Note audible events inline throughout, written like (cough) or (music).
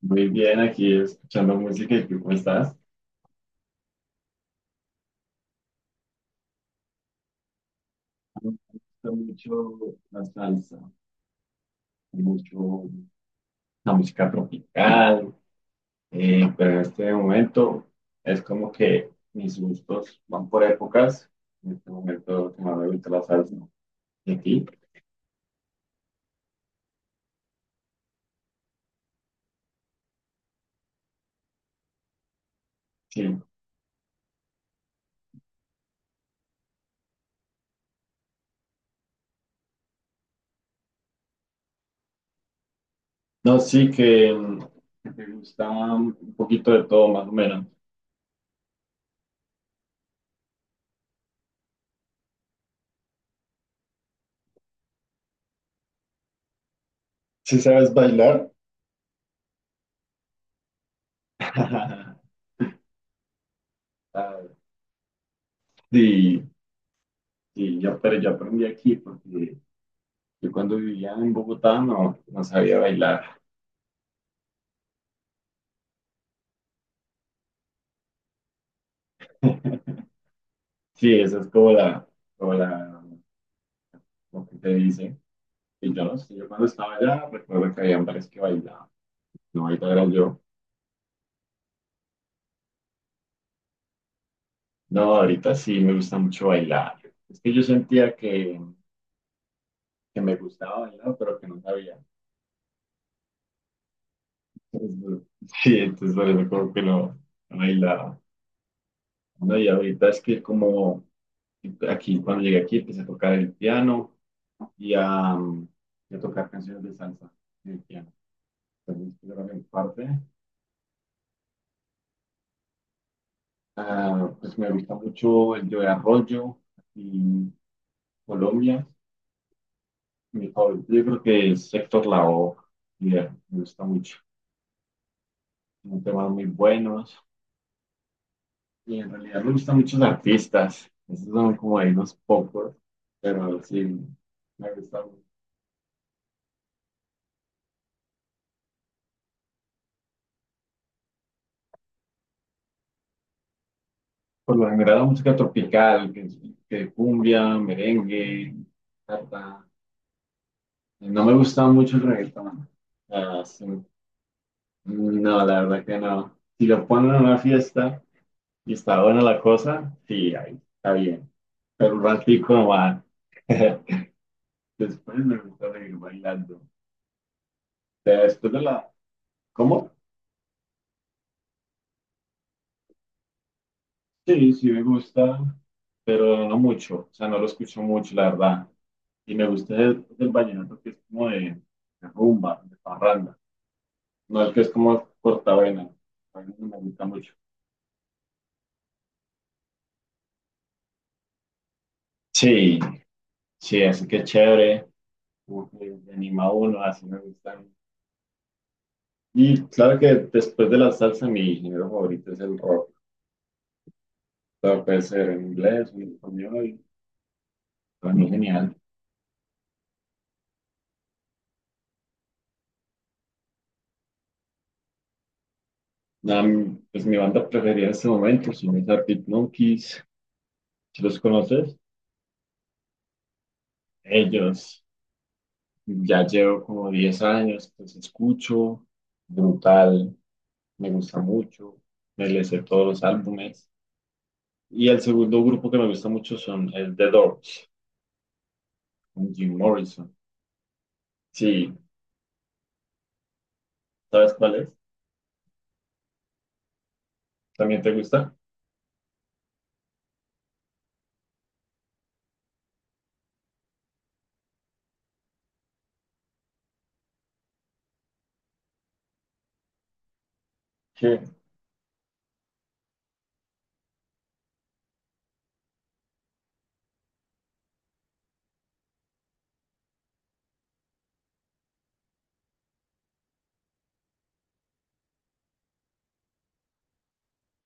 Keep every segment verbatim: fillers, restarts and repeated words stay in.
Muy bien, aquí escuchando música. ¿Y tú cómo estás? Me gusta mucho la salsa, mucho la música tropical, eh, pero en este momento es como que mis gustos van por épocas. En este momento que más me gusta la salsa. ¿Y a ti? Sí. No, sí que mm, que te gusta un poquito de todo, más o menos. ¿Sí sabes bailar? (laughs) Ah, sí, sí, yo, pero yo aprendí aquí porque yo cuando vivía en Bogotá no, no sabía bailar. (laughs) Sí, esa es como la, como la, lo que te dice. Y yo no sé, yo cuando estaba allá recuerdo que había hombres que bailaban. No, ahorita era yo. No, ahorita sí me gusta mucho bailar. Es que yo sentía que, que me gustaba bailar, pero que no sabía. (laughs) Entonces, sí, entonces por eso como que no no bailaba. No, y ahorita es que como aquí, cuando llegué aquí, empecé a tocar el piano y a, mm, y a tocar canciones de salsa en el piano. Entonces, esa era mi parte. Ah, pues me gusta mucho el Joe Arroyo y Colombia. Mi favorito, yo creo que es Héctor Lavoe, y me gusta mucho. Son temas muy buenos. Y en realidad me gustan muchos artistas. Esos son como ahí unos pocos. Pero sí, me gusta. Por lo general, la música tropical, que, que cumbia, merengue, bachata. No me gusta mucho el reggaetón. Ah, sí. No, la verdad que no. Si lo ponen en una fiesta y está buena la cosa, sí, ahí está bien. Pero un ratico no va. (laughs) Después me gusta seguir bailando. Después de la... ¿Cómo? Sí, sí me gusta, pero no mucho, o sea, no lo escucho mucho, la verdad. Y me gusta el, el vallenato que es como de, de rumba, de parranda, no el que es como cortavena, a mí no me gusta mucho. Sí, sí, así que chévere, como que me anima a uno, así me gustan. Y claro que después de la salsa mi género favorito es el rock. Claro, puede ser en inglés, en español, para mí genial. Nada, mi- pues mi banda preferida en este momento son los Arctic Monkeys, ¿si los conoces? Ellos. Ya llevo como diez años, pues escucho, brutal, me gusta mucho, me les sé todos los álbumes. Y el segundo grupo que me gusta mucho son el The Doors, con Jim Morrison. Sí, ¿sabes cuál es? ¿También te gusta? Sí.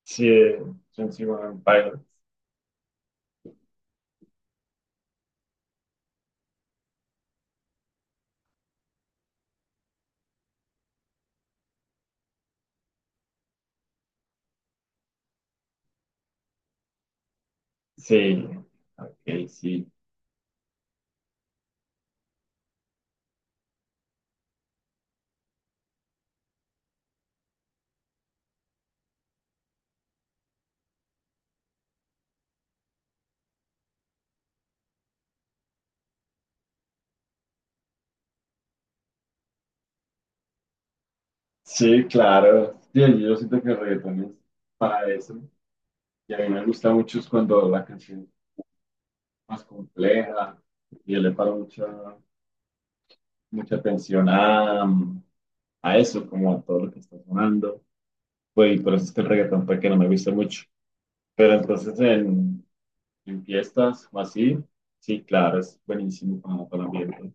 Sí, eh, Twenty One Pilots. Sí, ok, sí. Sí, claro. Sí, yo siento que el reggaetón es para eso. Y a mí me gusta mucho es cuando la canción más compleja y yo le paro mucha, mucha atención a, a eso, como a todo lo que está sonando. Pues, y por eso es que el reggaetón fue que no me gusta mucho. Pero entonces en, en fiestas o así, sí, claro, es buenísimo para, para el ambiente.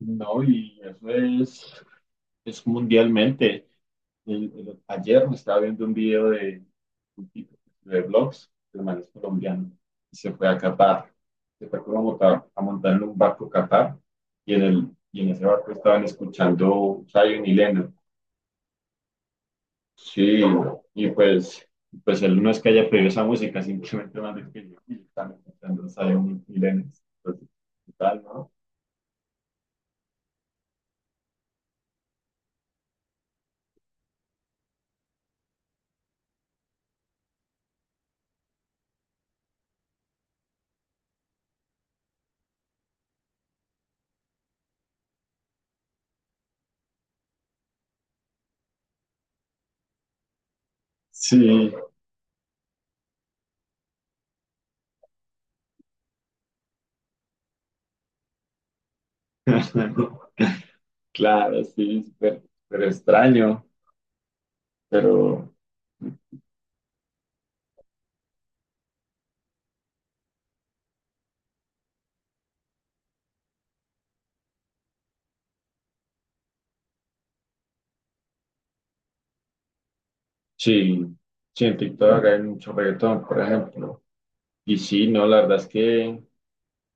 No, y eso es es mundialmente. El- el- ayer me estaba viendo un video de un tipo de blogs, de man es colombiano, y se fue a Qatar. Se fue como a montar, a montar en un barco a Qatar, y en, el, y en ese barco estaban escuchando Zion y Lennon. Sí, y pues, pues él no es que haya pedido esa música, simplemente más de que yo y están escuchando Zion y Lennon. Entonces, tal, ¿no? Sí, (laughs) claro, sí, súper súper extraño. Pero sí, sí, en TikTok hay mucho reggaetón, por ejemplo. Y sí, no, la verdad es que, o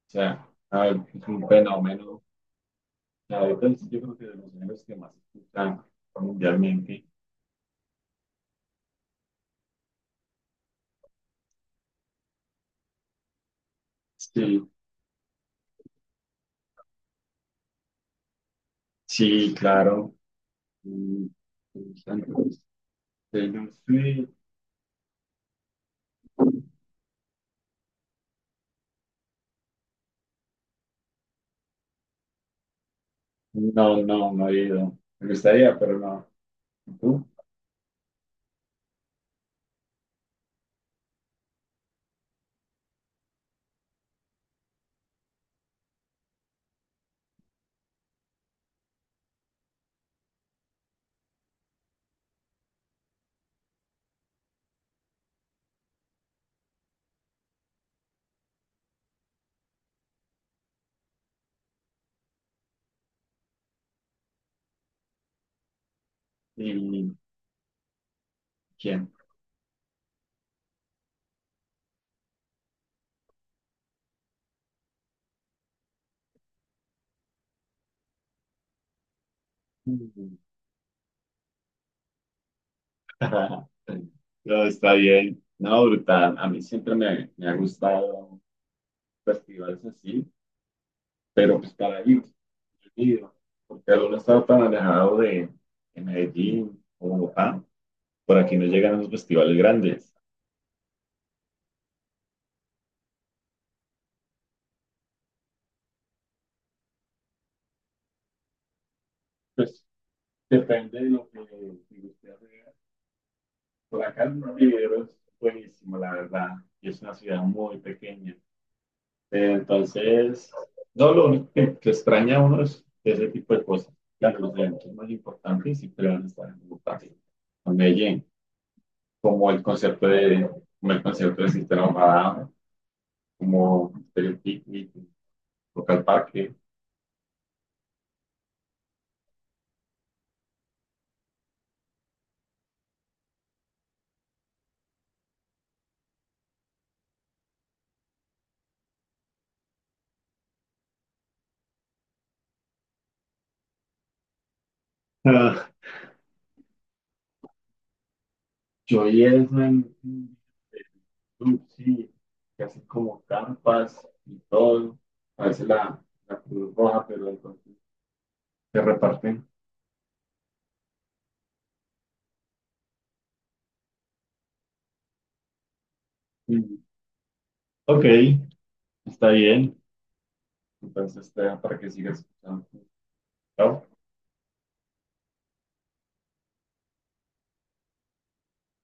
sea, a ver, es un fenómeno. O sea, ahorita es- yo creo que de los géneros que más se escuchan mundialmente. Sí, sí, claro. Mm, me Taylor Swift. No, no, no he ido. Me gustaría, pero no. ¿Y tú? ¿Y quién? Mm. (laughs) No, está bien. No, brutal. A mí siempre me, me ha gustado. Festivales así, pero pues para ir, porque al uno está tan alejado de, de Medellín o Bogotá, por aquí no llegan los festivales grandes. Pues depende de lo que si usted haga. Por acá el Rivero es buenísimo, la verdad, y es una ciudad muy pequeña. Eh, Entonces, no, lo único que, que extraña a uno es ese tipo de cosas. Claro, los eventos más importantes siempre van a estar en Bogotá, en Medellín. como el concepto de, como el concepto de sistema Madame, como el picnic, local parque. Ah, yo y eso en, en club, sí, que hacen como campas y todo. A veces la, la Cruz Roja, pero entonces se reparten. Mm, ok, está bien. Entonces, te- para que sigas escuchando. Chao.